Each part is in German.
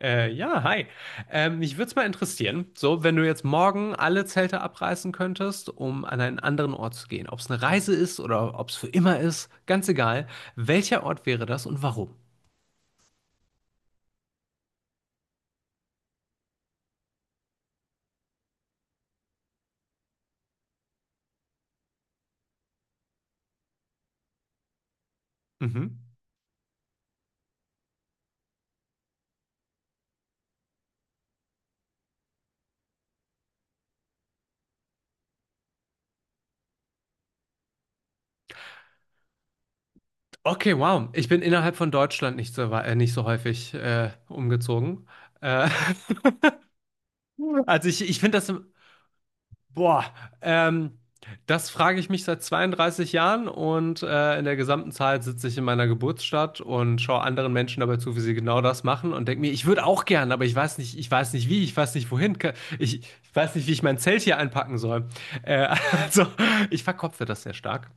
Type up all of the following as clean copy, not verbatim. Ja, Hi. Mich würde es mal interessieren, so, wenn du jetzt morgen alle Zelte abreißen könntest, um an einen anderen Ort zu gehen. Ob es eine Reise ist oder ob es für immer ist, ganz egal. Welcher Ort wäre das und warum? Mhm. Okay, wow. Ich bin innerhalb von Deutschland nicht so, nicht so häufig umgezogen. Äh, also ich finde das, boah, ähm, das frage ich mich seit 32 Jahren und in der gesamten Zeit sitze ich in meiner Geburtsstadt und schaue anderen Menschen dabei zu, wie sie genau das machen und denke mir, ich würde auch gern, aber ich weiß nicht wie, ich weiß nicht wohin, ich weiß nicht, wie ich mein Zelt hier einpacken soll. Äh, also, ich verkopfe das sehr stark.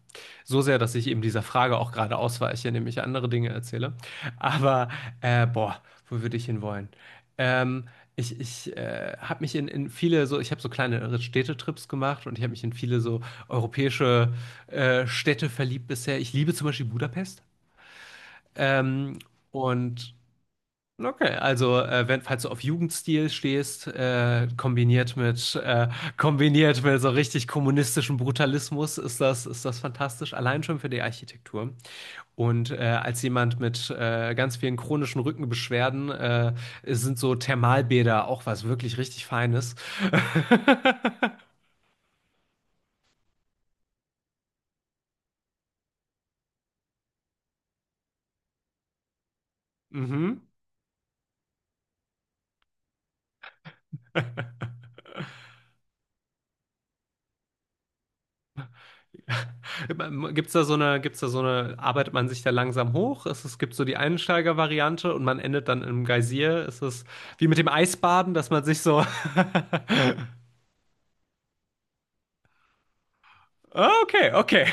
So sehr, dass ich eben dieser Frage auch gerade ausweiche, indem ich andere Dinge erzähle. Aber, boah, wo würde ich hin wollen? Ähm, ich habe mich in viele so, ich habe so kleine Städtetrips gemacht und ich habe mich in viele so europäische Städte verliebt bisher. Ich liebe zum Beispiel Budapest. Ähm, und okay, also wenn, falls du auf Jugendstil stehst, kombiniert mit so richtig kommunistischem Brutalismus, ist das fantastisch. Allein schon für die Architektur. Und als jemand mit ganz vielen chronischen Rückenbeschwerden sind so Thermalbäder auch was wirklich richtig Feines. Mhm. Gibt's da so eine, gibt's da so eine, arbeitet man sich da langsam hoch? Es gibt so die Einsteiger-Variante und man endet dann im Geysir. Es ist wie mit dem Eisbaden, dass man sich so. Okay, okay.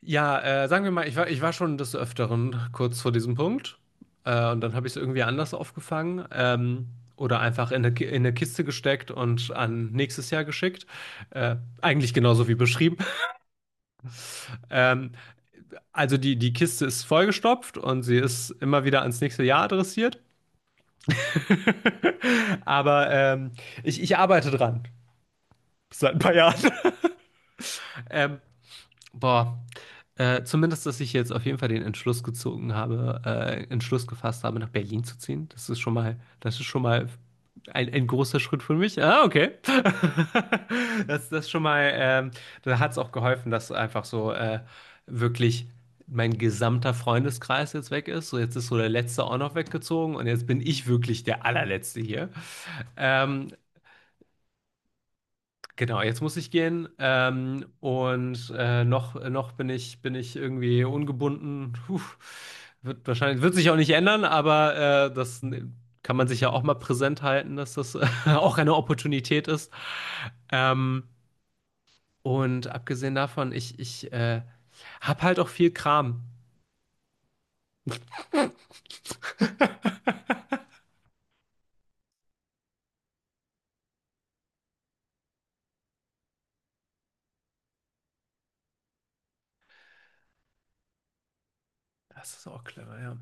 Ja, sagen wir mal, ich war schon des Öfteren kurz vor diesem Punkt. Und dann habe ich es irgendwie anders aufgefangen. Oder einfach in in eine Kiste gesteckt und an nächstes Jahr geschickt. Äh, Eigentlich genauso wie beschrieben. Ähm, also die Kiste ist vollgestopft und sie ist immer wieder ans nächste Jahr adressiert. Aber ich arbeite dran. Seit ein paar Jahren. Ähm, Boah, Zumindest, dass ich jetzt auf jeden Fall den Entschluss gefasst habe, nach Berlin zu ziehen. Das ist schon mal ein großer Schritt für mich. Ah, okay. Das, das ist schon mal, da hat es auch geholfen, dass einfach so wirklich mein gesamter Freundeskreis jetzt weg ist. So, jetzt ist so der Letzte auch noch weggezogen und jetzt bin ich wirklich der Allerletzte hier. Ähm, Genau, jetzt muss ich gehen. Noch bin ich irgendwie ungebunden. Puh, wird sich auch nicht ändern, aber das kann man sich ja auch mal präsent halten, dass das auch eine Opportunität ist. Ähm, Abgesehen davon, ich hab halt auch viel Kram. Das ist auch clever, ja.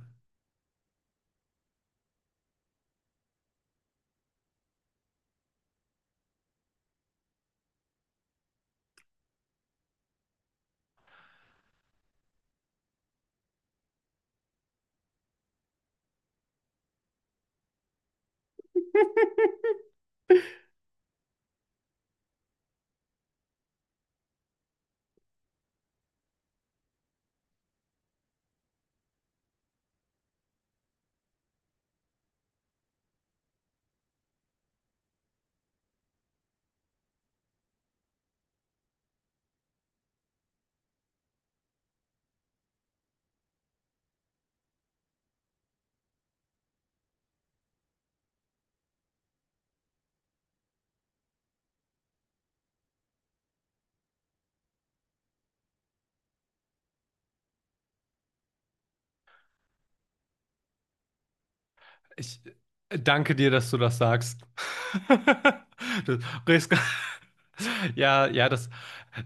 Ich danke dir, dass du das sagst. Du sprichst gar- Ja, ja,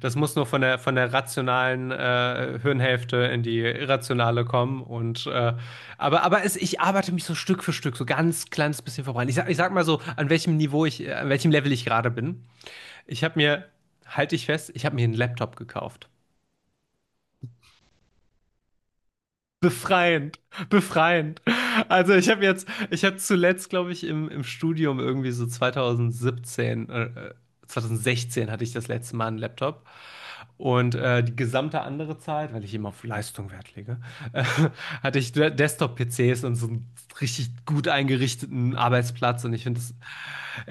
das muss nur von von der rationalen Hirnhälfte in die irrationale kommen. Und ich arbeite mich so Stück für Stück, so ganz kleines bisschen voran. Ich sag mal so, an welchem Niveau an welchem Level ich gerade bin. Ich habe mir, halte ich fest, ich habe mir einen Laptop gekauft. Befreiend, befreiend. Also ich habe jetzt, ich habe zuletzt, glaube ich, im Studium irgendwie so 2017, 2016 hatte ich das letzte Mal einen Laptop. Und die gesamte andere Zeit, weil ich immer auf Leistung Wert lege, äh, hatte ich Desktop-PCs und so einen richtig gut eingerichteten Arbeitsplatz. Und ich finde, das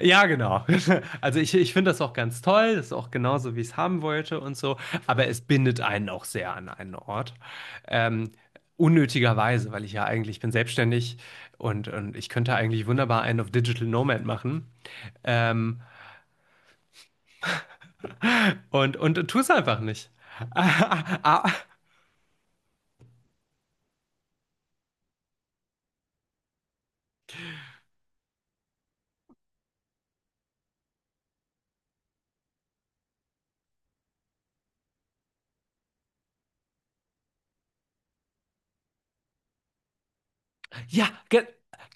ja, genau. Also ich finde das auch ganz toll. Das ist auch genauso, wie ich es haben wollte und so. Aber es bindet einen auch sehr an einen Ort. Ähm, Unnötigerweise, weil ich ja eigentlich ich bin selbstständig und ich könnte eigentlich wunderbar einen auf Digital Nomad machen. Ähm, und tu es einfach nicht. Ah, ah, ah, ja, ge-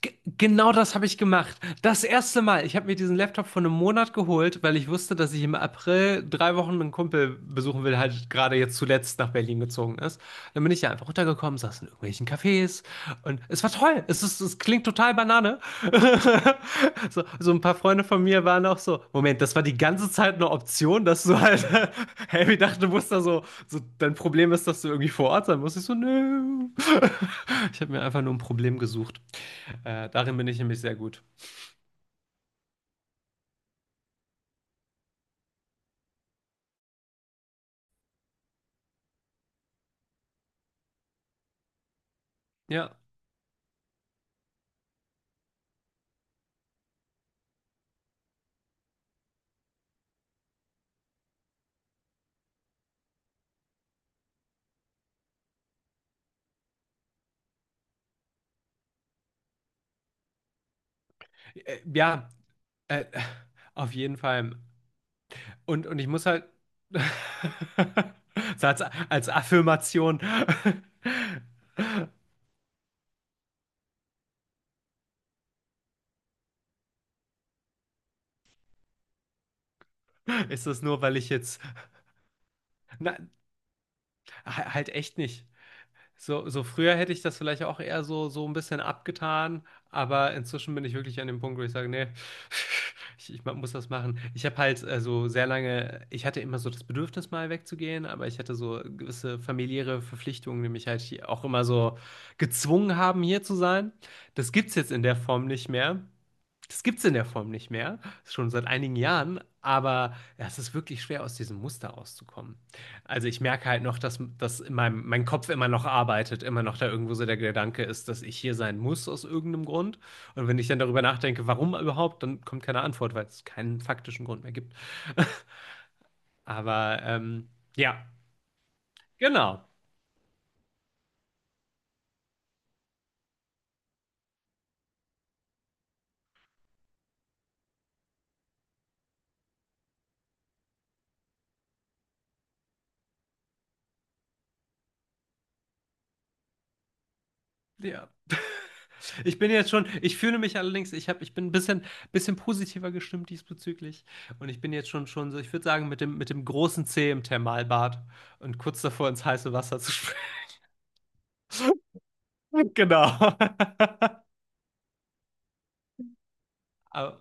G genau das habe ich gemacht. Das erste Mal. Ich habe mir diesen Laptop vor einem Monat geholt, weil ich wusste, dass ich im April 3 Wochen einen Kumpel besuchen will, der halt gerade jetzt zuletzt nach Berlin gezogen ist. Dann bin ich ja einfach runtergekommen, saß in irgendwelchen Cafés und es war toll. Es ist, es klingt total Banane. So, so ein paar Freunde von mir waren auch so, Moment, das war die ganze Zeit eine Option, dass du halt, hey, ich dachte, du musst da so, so, dein Problem ist, dass du irgendwie vor Ort sein musst. Ich so, nö. Ich habe mir einfach nur ein Problem gesucht. Darin bin ich nämlich sehr gut. Ja, äh, ja, äh, auf jeden Fall. Und ich muss halt so als Affirmation. Ist das nur, weil ich jetzt na, halt echt nicht. So, so früher hätte ich das vielleicht auch eher so, so ein bisschen abgetan, aber inzwischen bin ich wirklich an dem Punkt, wo ich sage, nee, ich muss das machen. Ich habe halt so sehr lange, ich hatte immer so das Bedürfnis, mal wegzugehen, aber ich hatte so gewisse familiäre Verpflichtungen, die mich halt hier auch immer so gezwungen haben, hier zu sein. Das gibt's jetzt in der Form nicht mehr. Das gibt es in der Form nicht mehr, schon seit einigen Jahren, aber ja, es ist wirklich schwer, aus diesem Muster auszukommen. Also ich merke halt noch, dass in meinem, mein Kopf immer noch arbeitet, immer noch da irgendwo so der Gedanke ist, dass ich hier sein muss aus irgendeinem Grund. Und wenn ich dann darüber nachdenke, warum überhaupt, dann kommt keine Antwort, weil es keinen faktischen Grund mehr gibt. Aber ja, genau. Ja. Ich bin jetzt schon, ich fühle mich allerdings, ich bin bisschen positiver gestimmt diesbezüglich. Und ich bin jetzt schon, schon so, ich würde sagen, mit mit dem großen C im Thermalbad und kurz davor ins heiße Wasser zu springen. Genau. Aber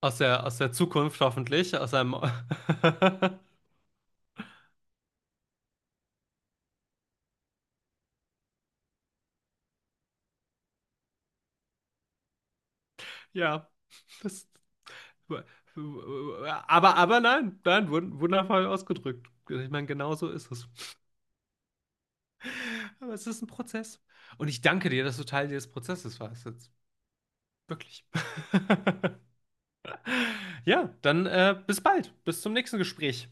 aus aus der Zukunft hoffentlich, aus einem. Ja. Das, aber nein, nein, wundervoll ausgedrückt. Ich meine, genau so ist es. Aber es ist ein Prozess. Und ich danke dir, dass du Teil dieses Prozesses warst. Wirklich. Ja, dann bis bald. Bis zum nächsten Gespräch.